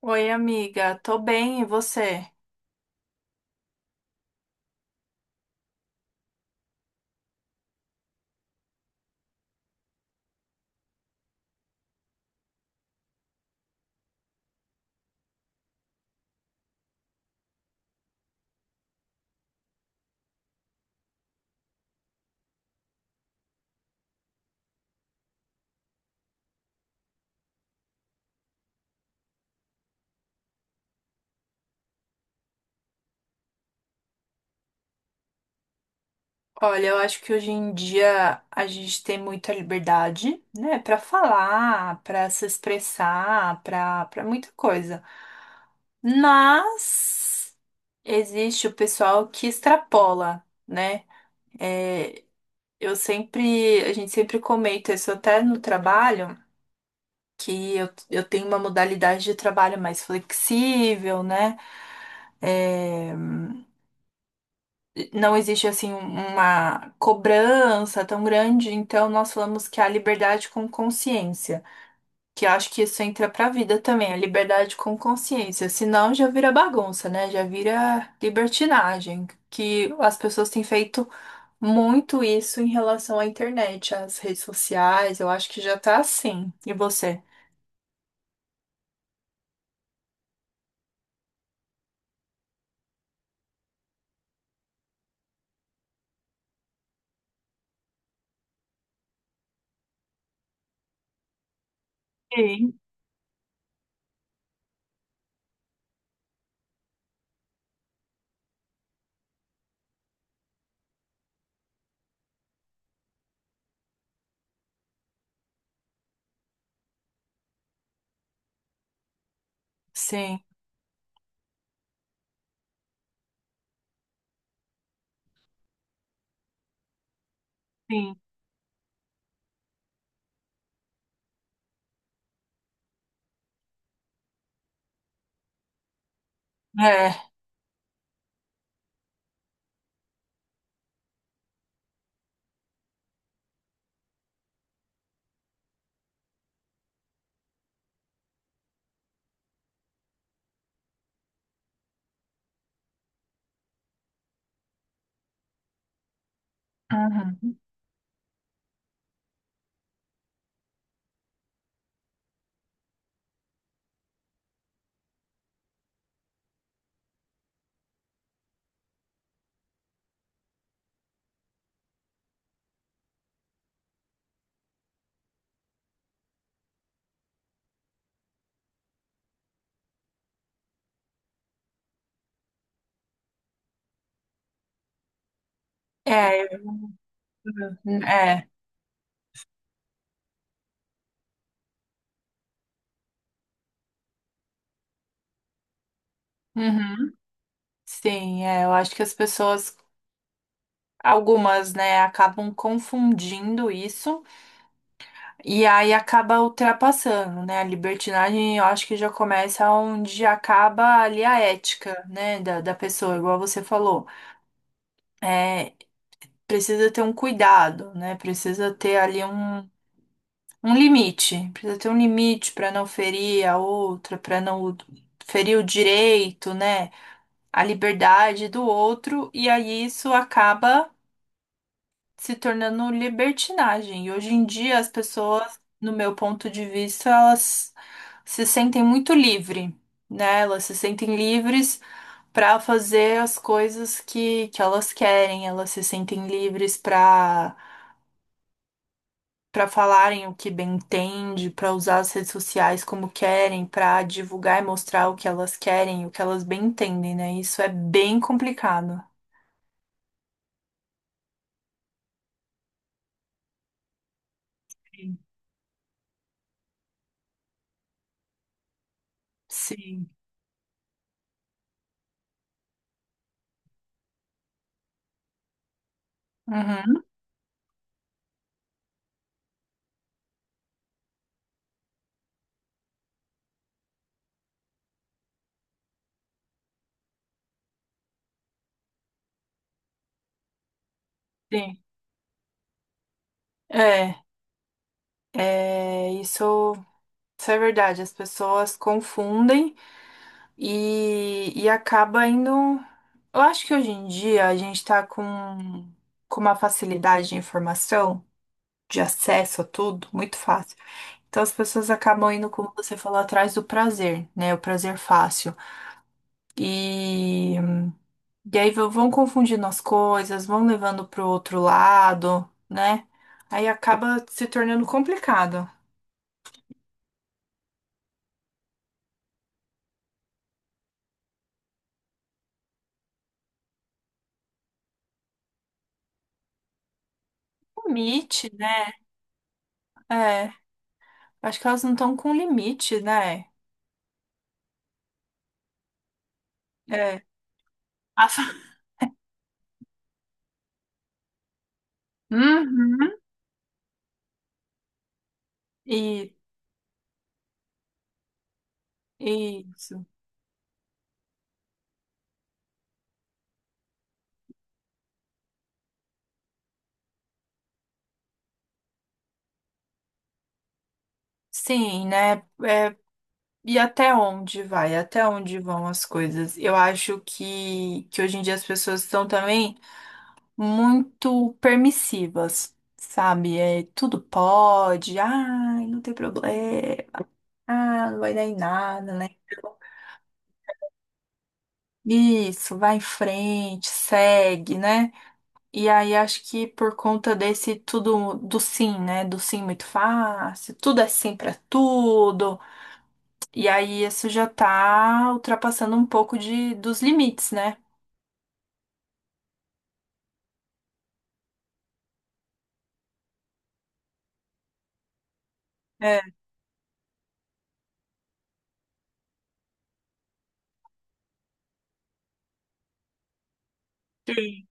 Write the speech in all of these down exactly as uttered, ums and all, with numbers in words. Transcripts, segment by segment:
Oi, amiga, tô bem, e você? Olha, eu acho que hoje em dia a gente tem muita liberdade, né, pra falar, pra se expressar, pra para muita coisa. Mas existe o pessoal que extrapola, né? É, eu sempre, a gente sempre comenta isso até no trabalho, que eu, eu tenho uma modalidade de trabalho mais flexível, né? É, não existe assim uma cobrança tão grande, então nós falamos que é a liberdade com consciência, que eu acho que isso entra pra vida também, a liberdade com consciência, senão já vira bagunça, né? Já vira libertinagem, que as pessoas têm feito muito isso em relação à internet, às redes sociais, eu acho que já tá assim. E você? Sim, sim. Sim. É. Uhum. É, é. Uhum. Sim, é, eu acho que as pessoas algumas, né, acabam confundindo isso e aí acaba ultrapassando, né? A libertinagem eu acho que já começa onde acaba ali a ética, né, da, da pessoa, igual você falou. É, precisa ter um cuidado, né? Precisa ter ali um, um limite, precisa ter um limite para não ferir a outra, para não ferir o direito, né? A liberdade do outro, e aí isso acaba se tornando libertinagem. E hoje em dia as pessoas, no meu ponto de vista, elas se sentem muito livre, né? Elas se sentem livres para fazer as coisas que, que elas querem, elas se sentem livres para para falarem o que bem entende, para usar as redes sociais como querem, para divulgar e mostrar o que elas querem, o que elas bem entendem, né? Isso é bem complicado. Sim. Uhum. Sim. É, é, isso. Isso é verdade, as pessoas confundem e, e acaba indo. Eu acho que hoje em dia a gente tá com, com uma facilidade de informação, de acesso a tudo, muito fácil. Então as pessoas acabam indo, como você falou, atrás do prazer, né? O prazer fácil. E, e aí vão vão confundindo as coisas, vão levando pro outro lado, né? Aí acaba se tornando complicado. Limite, né? É, acho que elas não estão com limite, né? É. A fa- Uhum. E, isso. Sim, né? É, e até onde vai? Até onde vão as coisas? Eu acho que, que hoje em dia as pessoas estão também muito permissivas, sabe? É, tudo pode, ai, não tem problema, ah, não vai dar em nada, né? Então, isso, vai em frente, segue, né? E aí acho que por conta desse tudo do sim, né? Do sim muito fácil, tudo é sim pra tudo. E aí isso já tá ultrapassando um pouco de dos limites, né? É, sim.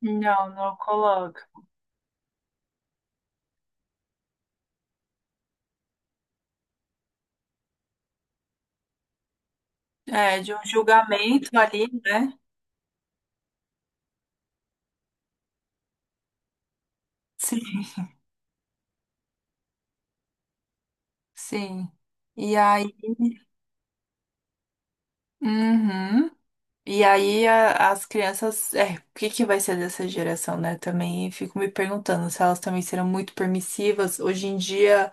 Não, não coloca. É, de um julgamento ali, né? Sim. Sim. E aí, uhum. E aí a- as crianças, é, o que que vai ser dessa geração, né? Também fico me perguntando se elas também serão muito permissivas. Hoje em dia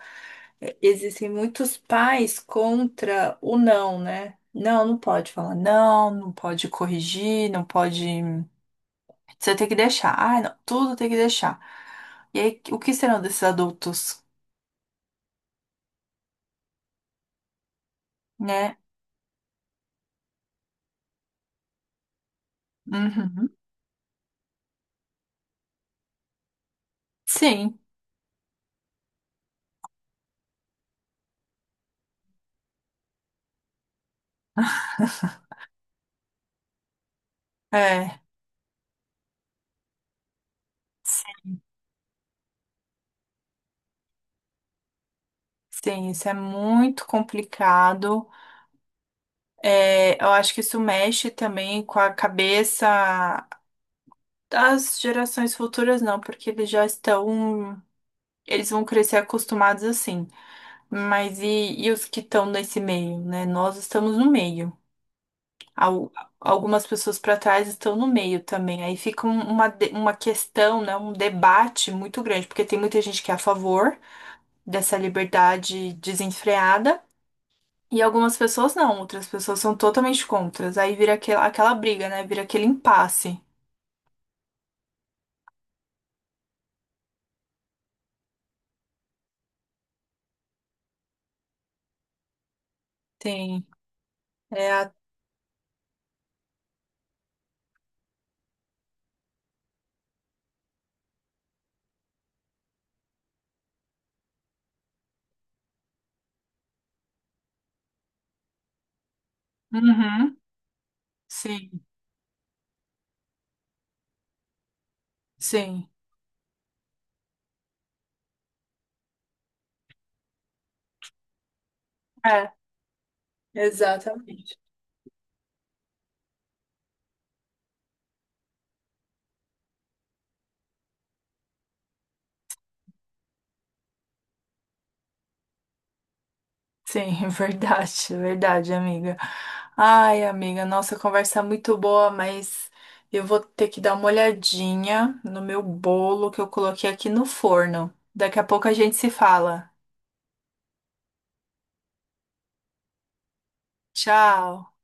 é, existem muitos pais contra o não, né? Não, não pode falar não, não pode corrigir, não pode. Você tem que deixar. Ah, não, tudo tem que deixar. E aí, o que serão desses adultos, né? Uhum. Sim, é. Sim, isso é muito complicado. É, eu acho que isso mexe também com a cabeça das gerações futuras, não, porque eles já estão, eles vão crescer acostumados assim. Mas e, e os que estão nesse meio, né? Nós estamos no meio. Al- Algumas pessoas para trás estão no meio também. Aí fica um- uma, de- uma questão, né? Um debate muito grande, porque tem muita gente que é a favor dessa liberdade desenfreada. E algumas pessoas não, outras pessoas são totalmente contras. Aí vira aquela, aquela briga, né? Vira aquele impasse. Sim. É a... Uhum. Sim, sim. É, exatamente. Sim, verdade, é verdade, amiga. Ai, amiga, nossa, a conversa é muito boa, mas eu vou ter que dar uma olhadinha no meu bolo que eu coloquei aqui no forno. Daqui a pouco a gente se fala. Tchau.